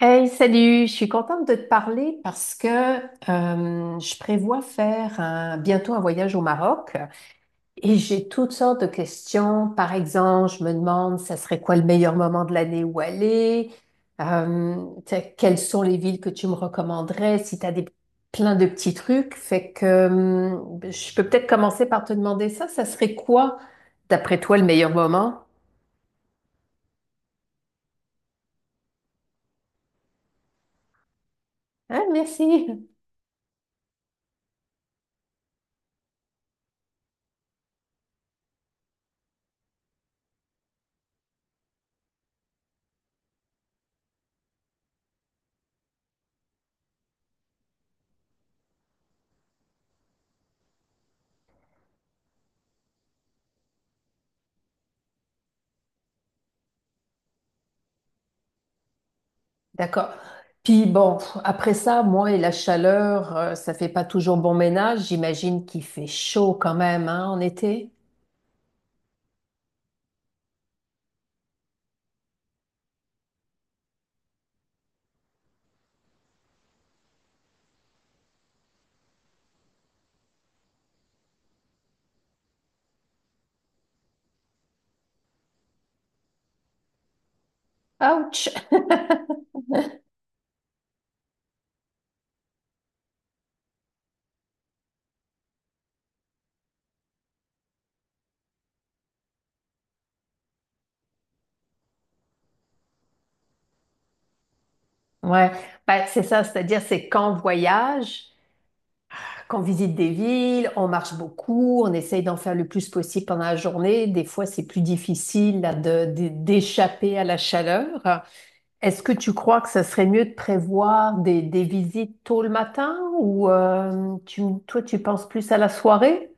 Hey, salut, je suis contente de te parler parce que je prévois faire bientôt un voyage au Maroc et j'ai toutes sortes de questions. Par exemple, je me demande, ça serait quoi le meilleur moment de l'année où aller? Euh, Tu sais, quelles sont les villes que tu me recommanderais si tu as plein de petits trucs? Fait que je peux peut-être commencer par te demander ça. Ça serait quoi, d'après toi, le meilleur moment? Hein, merci. D'accord. Puis bon, pff, après ça, moi et la chaleur, ça fait pas toujours bon ménage. J'imagine qu'il fait chaud quand même, hein, en été. Ouch! Ouais, ben, c'est ça, c'est-à-dire c'est quand on voyage, qu'on visite des villes, on marche beaucoup, on essaye d'en faire le plus possible pendant la journée. Des fois, c'est plus difficile là, d'échapper à la chaleur. Est-ce que tu crois que ça serait mieux de prévoir des visites tôt le matin ou toi, tu penses plus à la soirée?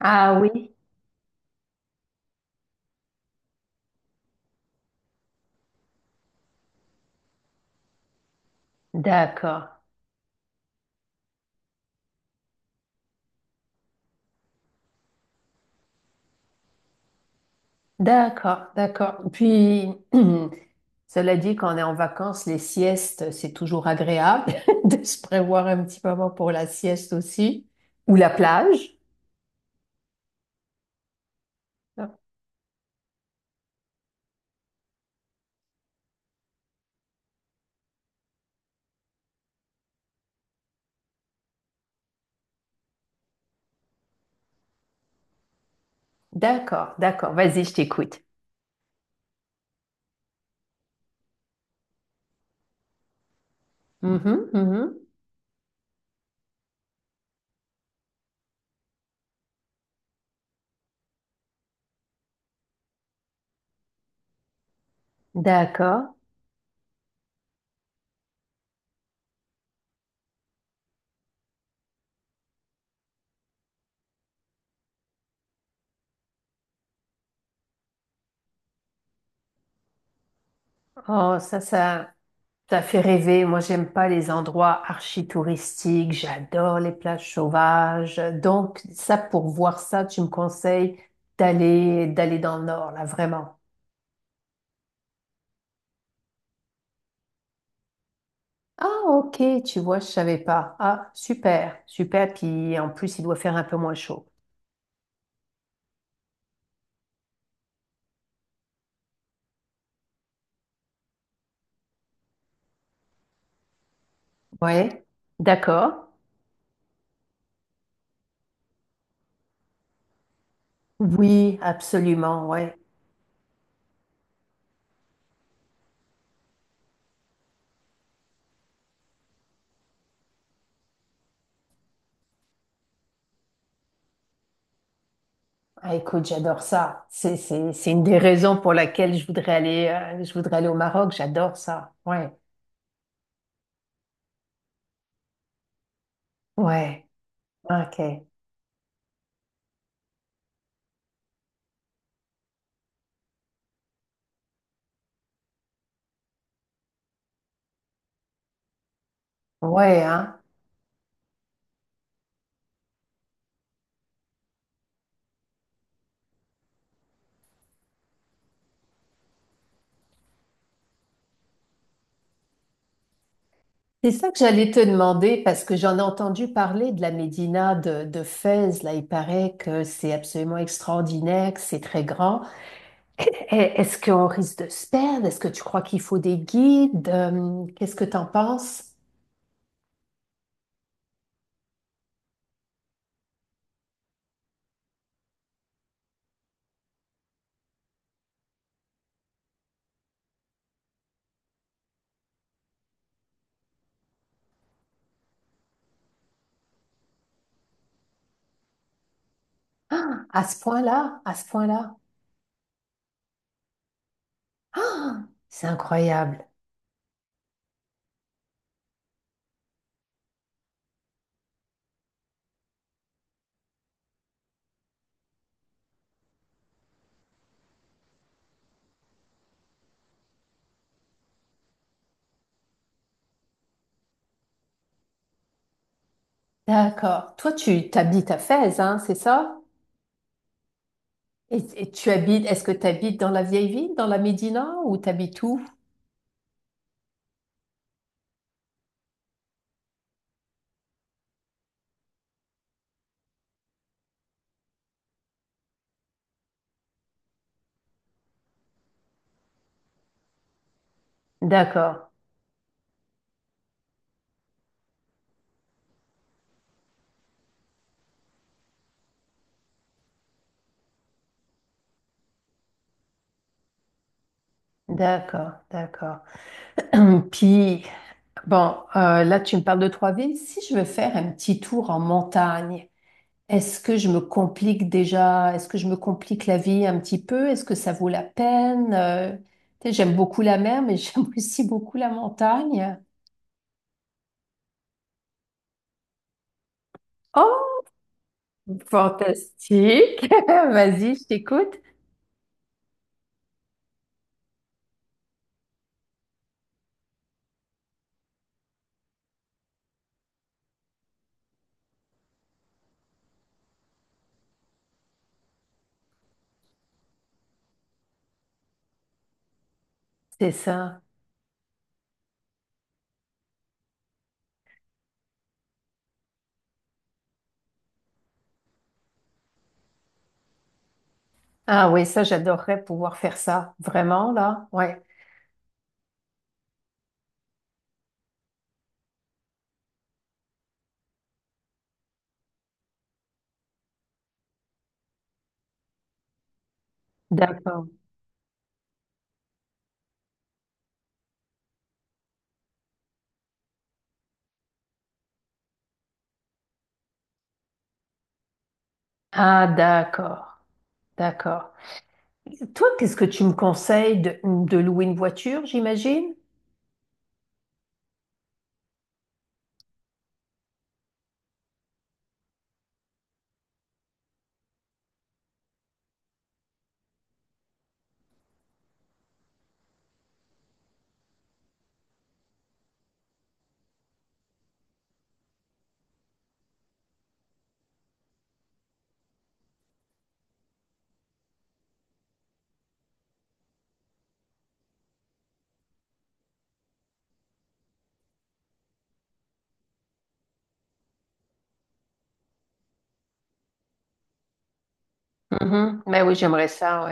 Ah oui, d'accord, d'accord. Puis, cela dit, quand on est en vacances, les siestes, c'est toujours agréable de se prévoir un petit moment pour la sieste aussi, ou la plage. D'accord, vas-y, je t'écoute. Mhm, mhm. D'accord. Oh, ça fait rêver. Moi, j'aime pas les endroits archi-touristiques. J'adore les plages sauvages. Donc, ça, pour voir ça, tu me conseilles d'aller dans le nord, là, vraiment. Ah, ok, tu vois, je savais pas. Ah, super, super. Puis en plus, il doit faire un peu moins chaud. Ouais, d'accord. Oui, absolument, ouais. Ah, écoute, j'adore ça. C'est une des raisons pour laquelle je voudrais aller au Maroc. J'adore ça. Ouais, ouais, ok. Ouais, hein. C'est ça que j'allais te demander parce que j'en ai entendu parler de la Médina de Fès. Là, il paraît que c'est absolument extraordinaire, que c'est très grand. Eh, est-ce qu'on risque de se perdre? Est-ce que tu crois qu'il faut des guides? Qu'est-ce que t'en penses? Ah, à ce point-là. Ah, c'est incroyable. D'accord. Toi, tu t'habites à Fès, hein, c'est ça? Et tu habites, est-ce que tu habites dans la vieille ville, dans la Médina, ou tu habites où? D'accord, d'accord. Puis, bon, là, tu me parles de trois villes. Si je veux faire un petit tour en montagne, est-ce que je me complique déjà? Est-ce que je me complique la vie un petit peu? Est-ce que ça vaut la peine? Tu sais, j'aime beaucoup la mer, mais j'aime aussi beaucoup la montagne. Oh, fantastique! Vas-y, je t'écoute. C'est ça. Ah oui, ça, j'adorerais pouvoir faire ça. Vraiment, là? Ouais. D'accord. Ah, d'accord. D'accord. Toi, qu'est-ce que tu me conseilles de louer une voiture, j'imagine? Mhm. Mais oui, j'aimerais ça.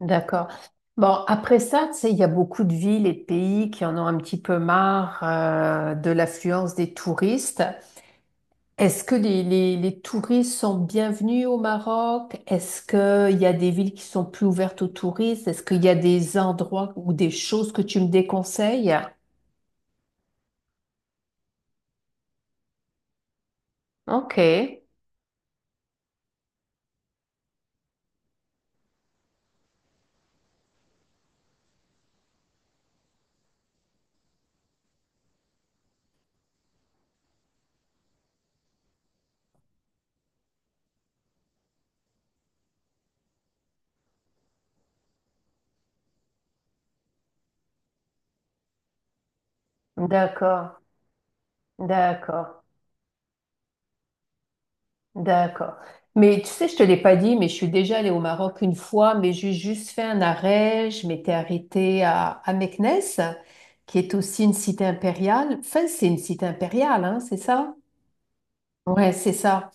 D'accord. Bon, après ça, tu sais, il y a beaucoup de villes et de pays qui en ont un petit peu marre de l'affluence des touristes. Est-ce que les touristes sont bienvenus au Maroc? Est-ce qu'il y a des villes qui sont plus ouvertes aux touristes? Est-ce qu'il y a des endroits ou des choses que tu me déconseilles? Ok. D'accord. D'accord. d'accord. Mais tu sais, je te l'ai pas dit, mais je suis déjà allée au Maroc une fois, mais j'ai juste fait un arrêt. Je m'étais arrêtée à Meknès, qui est aussi une cité impériale. Enfin, c'est une cité impériale, hein, c'est ça? Ouais, c'est ça.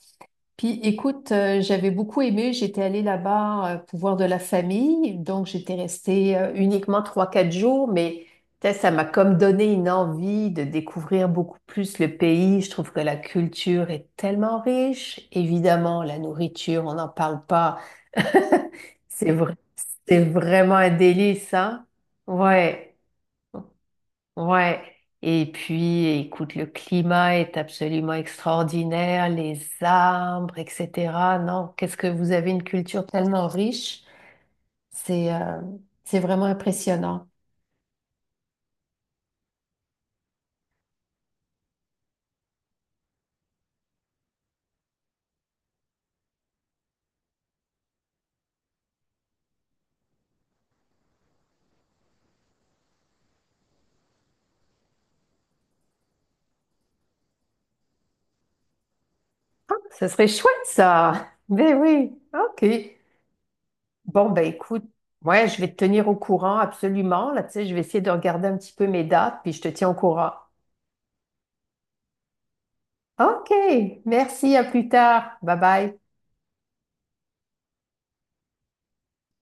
Puis écoute, j'avais beaucoup aimé, j'étais allée là-bas pour voir de la famille, donc j'étais restée uniquement trois, quatre jours, mais tu sais, ça m'a comme donné une envie de découvrir beaucoup plus le pays. Je trouve que la culture est tellement riche. Évidemment, la nourriture, on n'en parle pas. C'est vrai, c'est vraiment un délice, hein? Ouais. Ouais, et puis écoute, le climat est absolument extraordinaire, les arbres, etc. Non, qu'est-ce que vous avez une culture tellement riche, c'est euh, c'est vraiment impressionnant. Ce serait chouette ça. Ben oui, ok. Bon ben écoute, ouais, je vais te tenir au courant absolument. Là, tu sais, je vais essayer de regarder un petit peu mes dates, puis je te tiens au courant. Ok, merci, à plus tard. Bye bye.